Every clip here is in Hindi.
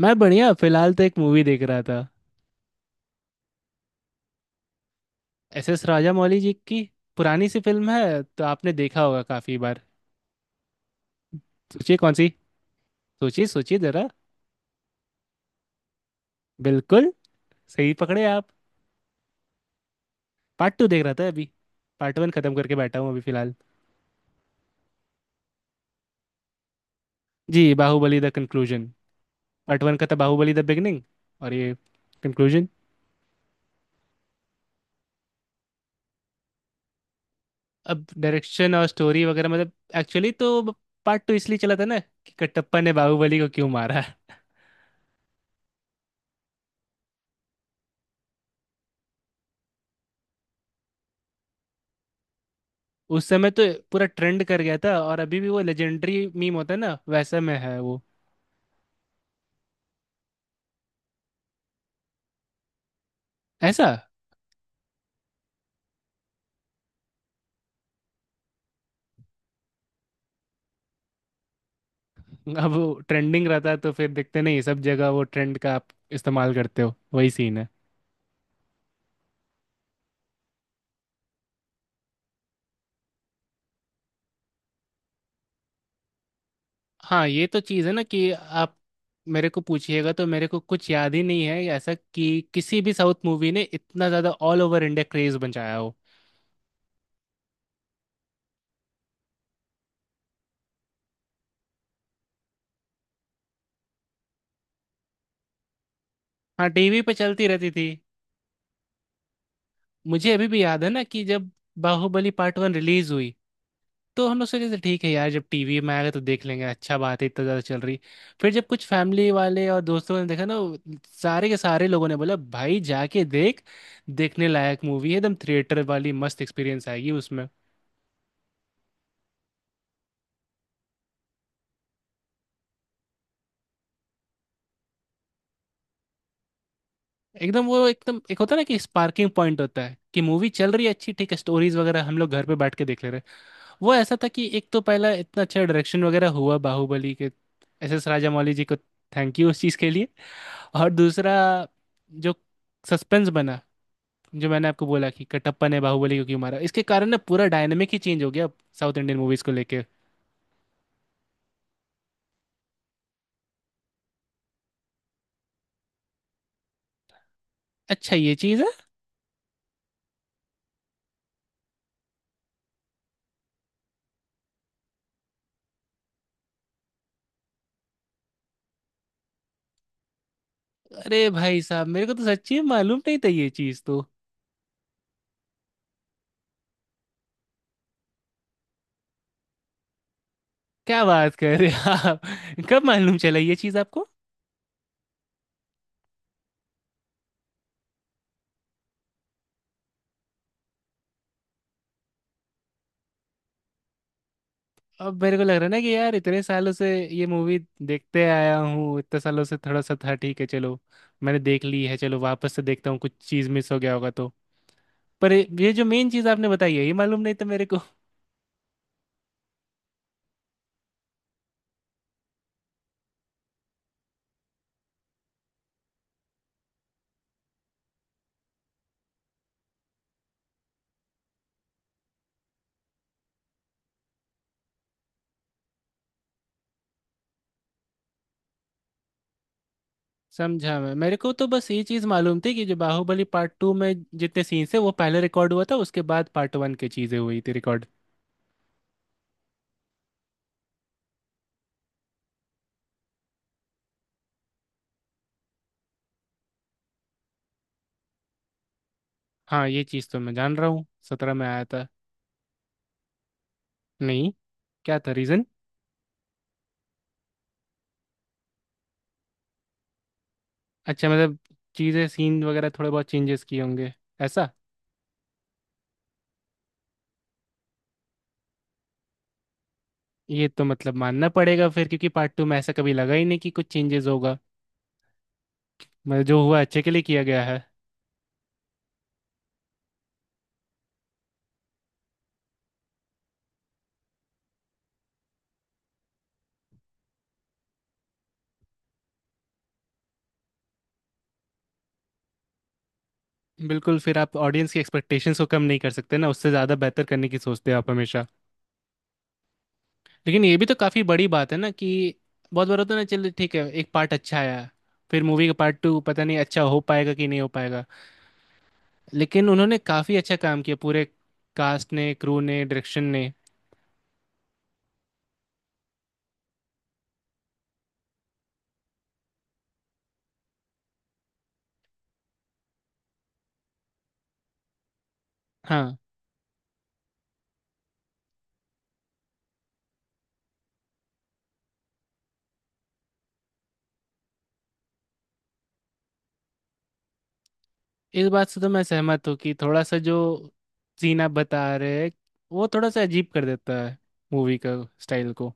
मैं बढ़िया। फिलहाल तो एक मूवी देख रहा था। एस एस राजामौली जी की पुरानी सी फिल्म है, तो आपने देखा होगा काफी बार। सोचिए कौन सी। सोचिए सोचिए जरा। बिल्कुल। सही पकड़े आप। पार्ट टू देख रहा था अभी। पार्ट वन खत्म करके बैठा हूँ अभी फिलहाल। जी, Baahubali the conclusion. Part one का था बाहुबली द बिगनिंग। और ये कंक्लूजन। अब डायरेक्शन और स्टोरी वगैरह, मतलब एक्चुअली तो पार्ट टू इसलिए चला था ना कि कटप्पा ने बाहुबली को क्यों मारा। उस समय तो पूरा ट्रेंड कर गया था, और अभी भी वो लेजेंडरी मीम होता है ना, वैसा में है वो। ऐसा? अब वो ट्रेंडिंग रहता है तो फिर देखते नहीं, सब जगह वो ट्रेंड का आप इस्तेमाल करते हो, वही सीन है। हाँ, ये तो चीज़ है ना कि आप मेरे को पूछिएगा तो मेरे को कुछ याद ही नहीं है ऐसा कि किसी भी साउथ मूवी ने इतना ज़्यादा ऑल ओवर इंडिया क्रेज बचाया हो। हाँ, टीवी पे चलती रहती थी। मुझे अभी भी याद है ना कि जब बाहुबली पार्ट वन रिलीज हुई, तो हमने सोचे थे ठीक है यार जब टीवी में आएगा तो देख लेंगे, अच्छा बात है इतना ज़्यादा चल रही। फिर जब कुछ फैमिली वाले और दोस्तों ने देखा ना वो, सारे के सारे लोगों ने बोला भाई जाके देख, देखने लायक मूवी है, एकदम थिएटर वाली मस्त एक्सपीरियंस आएगी उसमें। एकदम वो, एकदम एक होता है ना कि स्पार्किंग पॉइंट होता है कि मूवी चल रही है अच्छी, ठीक है स्टोरीज वगैरह हम लोग घर पे बैठ के देख ले रहे हैं। वो ऐसा था कि एक तो पहला इतना अच्छा डायरेक्शन वगैरह हुआ बाहुबली के। एस एस राजामौली जी को थैंक यू उस चीज़ के लिए। और दूसरा, जो सस्पेंस बना, जो मैंने आपको बोला कि कटप्पा ने बाहुबली को क्यों मारा, इसके कारण ना पूरा डायनेमिक ही चेंज हो गया साउथ इंडियन मूवीज को लेके। अच्छा ये चीज़ है। अरे भाई साहब मेरे को तो सच्ची में मालूम नहीं था ये चीज़ तो। क्या बात कर रहे हैं आप। कब मालूम चला ये चीज़ आपको। अब मेरे को लग रहा है ना कि यार इतने सालों से ये मूवी देखते आया हूँ, इतने सालों से थोड़ा सा था, ठीक है चलो मैंने देख ली है, चलो वापस से देखता हूँ कुछ चीज़ मिस हो गया होगा तो। पर ये जो मेन चीज़ आपने बताई है ये मालूम नहीं था मेरे को। समझा मैं। मेरे को तो बस ये चीज़ मालूम थी कि जो बाहुबली पार्ट टू में जितने सीन्स थे वो पहले रिकॉर्ड हुआ था, उसके बाद पार्ट वन की चीज़ें हुई थी रिकॉर्ड। हाँ ये चीज़ तो मैं जान रहा हूँ, सत्रह में आया था। नहीं। क्या था रीज़न? अच्छा, मतलब चीज़ें सीन वगैरह थोड़े बहुत चेंजेस किए होंगे। ऐसा? ये तो मतलब मानना पड़ेगा फिर, क्योंकि पार्ट टू में ऐसा कभी लगा ही नहीं कि कुछ चेंजेस होगा। मतलब जो हुआ अच्छे के लिए किया गया है। बिल्कुल, फिर आप ऑडियंस की एक्सपेक्टेशंस को कम नहीं कर सकते ना, उससे ज़्यादा बेहतर करने की सोचते हो आप हमेशा। लेकिन ये भी तो काफ़ी बड़ी बात है ना कि बहुत बार होता है ना, चलो ठीक है एक पार्ट अच्छा आया, फिर मूवी का पार्ट टू पता नहीं अच्छा हो पाएगा कि नहीं हो पाएगा। लेकिन उन्होंने काफ़ी अच्छा काम किया, पूरे कास्ट ने, क्रू ने, डायरेक्शन ने। हाँ, इस बात से तो मैं सहमत हूँ कि थोड़ा सा जो सीन आप बता रहे हैं वो थोड़ा सा अजीब कर देता है मूवी का स्टाइल को।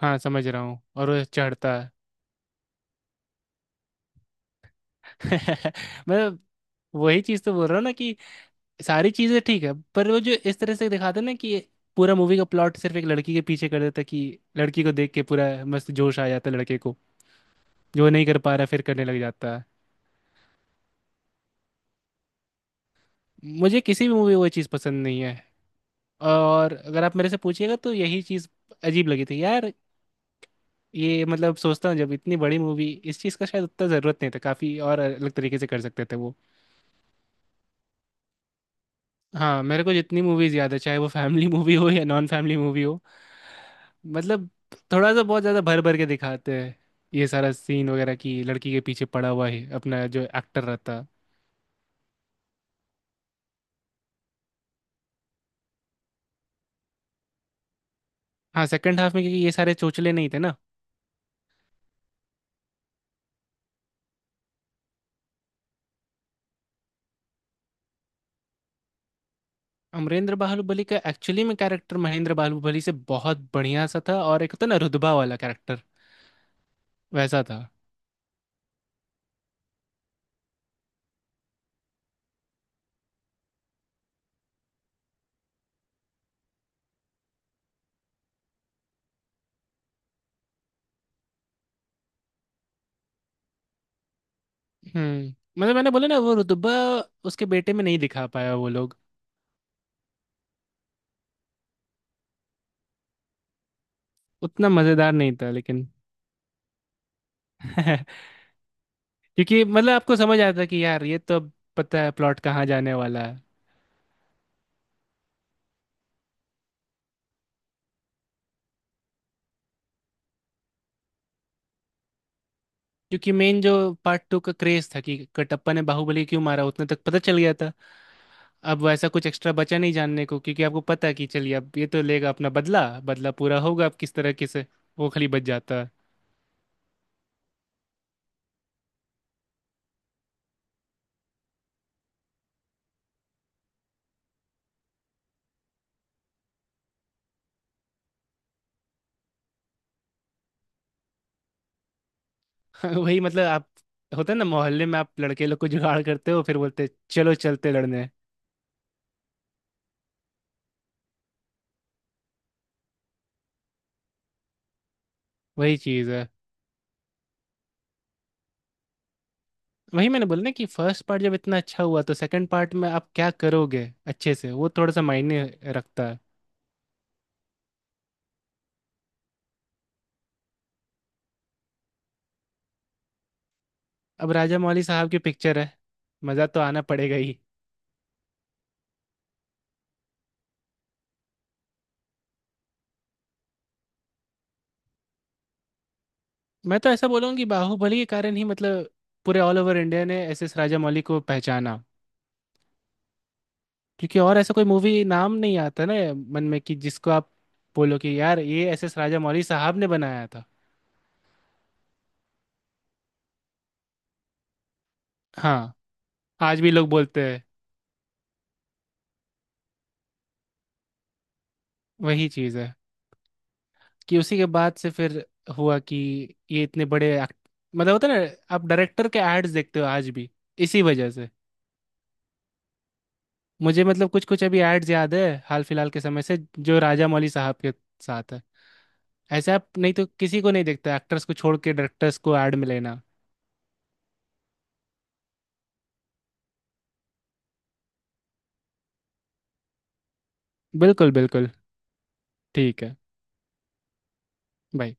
हाँ समझ रहा हूँ, और वो चढ़ता है। मैं वही चीज़ तो बोल रहा हूँ ना कि सारी चीज़ें ठीक है, पर वो जो इस तरह से दिखाते हैं ना कि पूरा मूवी का प्लॉट सिर्फ एक लड़की के पीछे कर देता है, कि लड़की को देख के पूरा मस्त जोश आ जाता है लड़के को, जो नहीं कर पा रहा फिर करने लग जाता है। मुझे किसी भी मूवी में वो चीज़ पसंद नहीं है। और अगर आप मेरे से पूछिएगा तो यही चीज़ अजीब लगी थी यार। ये मतलब सोचता हूँ जब इतनी बड़ी मूवी, इस चीज़ का शायद उतना ज़रूरत नहीं था, काफ़ी और अलग तरीके से कर सकते थे वो। हाँ, मेरे को जितनी मूवीज़ याद है, चाहे वो फैमिली मूवी हो या नॉन फैमिली मूवी हो, मतलब थोड़ा सा बहुत ज़्यादा भर भर के दिखाते हैं ये सारा सीन वगैरह कि लड़की के पीछे पड़ा हुआ है अपना जो एक्टर रहता। हाँ, सेकंड हाफ में क्योंकि ये सारे चोचले नहीं थे ना। अमरेंद्र बाहुबली का एक्चुअली में कैरेक्टर महेंद्र बाहुबली से बहुत बढ़िया सा था, और एक होता ना रुतबा वाला कैरेक्टर, वैसा था। हम्म, मतलब मैंने बोला ना वो रुतबा उसके बेटे में नहीं दिखा पाया वो लोग। उतना मजेदार नहीं था लेकिन। क्योंकि मतलब आपको समझ आता कि यार ये तो अब, पता है प्लॉट कहाँ जाने वाला है। क्योंकि मेन जो पार्ट टू का क्रेज था कि कटप्पा ने बाहुबली क्यों मारा, उतने तक पता चल गया था। अब वैसा कुछ एक्स्ट्रा बचा नहीं जानने को, क्योंकि आपको पता है कि चलिए अब ये तो लेगा अपना बदला, बदला पूरा होगा अब किस तरीके से, वो खाली बच जाता है। वही मतलब आप, होता है ना मोहल्ले में आप लड़के लोग को जुगाड़ करते हो फिर बोलते चलो चलते लड़ने। वही चीज। वही मैंने बोला ना कि फर्स्ट पार्ट जब इतना अच्छा हुआ तो सेकंड पार्ट में आप क्या करोगे अच्छे से, वो थोड़ा सा मायने रखता है। अब राजा मौली साहब की पिक्चर है, मज़ा तो आना पड़ेगा ही। मैं तो ऐसा बोलूँ कि बाहुबली के कारण ही मतलब पूरे ऑल ओवर इंडिया ने एस एस राजा मौली को पहचाना। क्योंकि और ऐसा कोई मूवी नाम नहीं आता ना मन में कि जिसको आप बोलो कि यार ये एस एस राजा मौली साहब ने बनाया था। हाँ, आज भी लोग बोलते हैं। वही चीज़ है कि उसी के बाद से फिर हुआ कि ये इतने बड़े मतलब होता है ना आप डायरेक्टर के एड्स देखते हो आज भी, इसी वजह से। मुझे मतलब कुछ कुछ अभी एड्स याद है हाल फिलहाल के समय से जो राजा मौली साहब के साथ है। ऐसे आप नहीं तो किसी को नहीं देखते एक्टर्स को छोड़ के डायरेक्टर्स को ऐड में लेना। बिल्कुल बिल्कुल। ठीक है। बाय।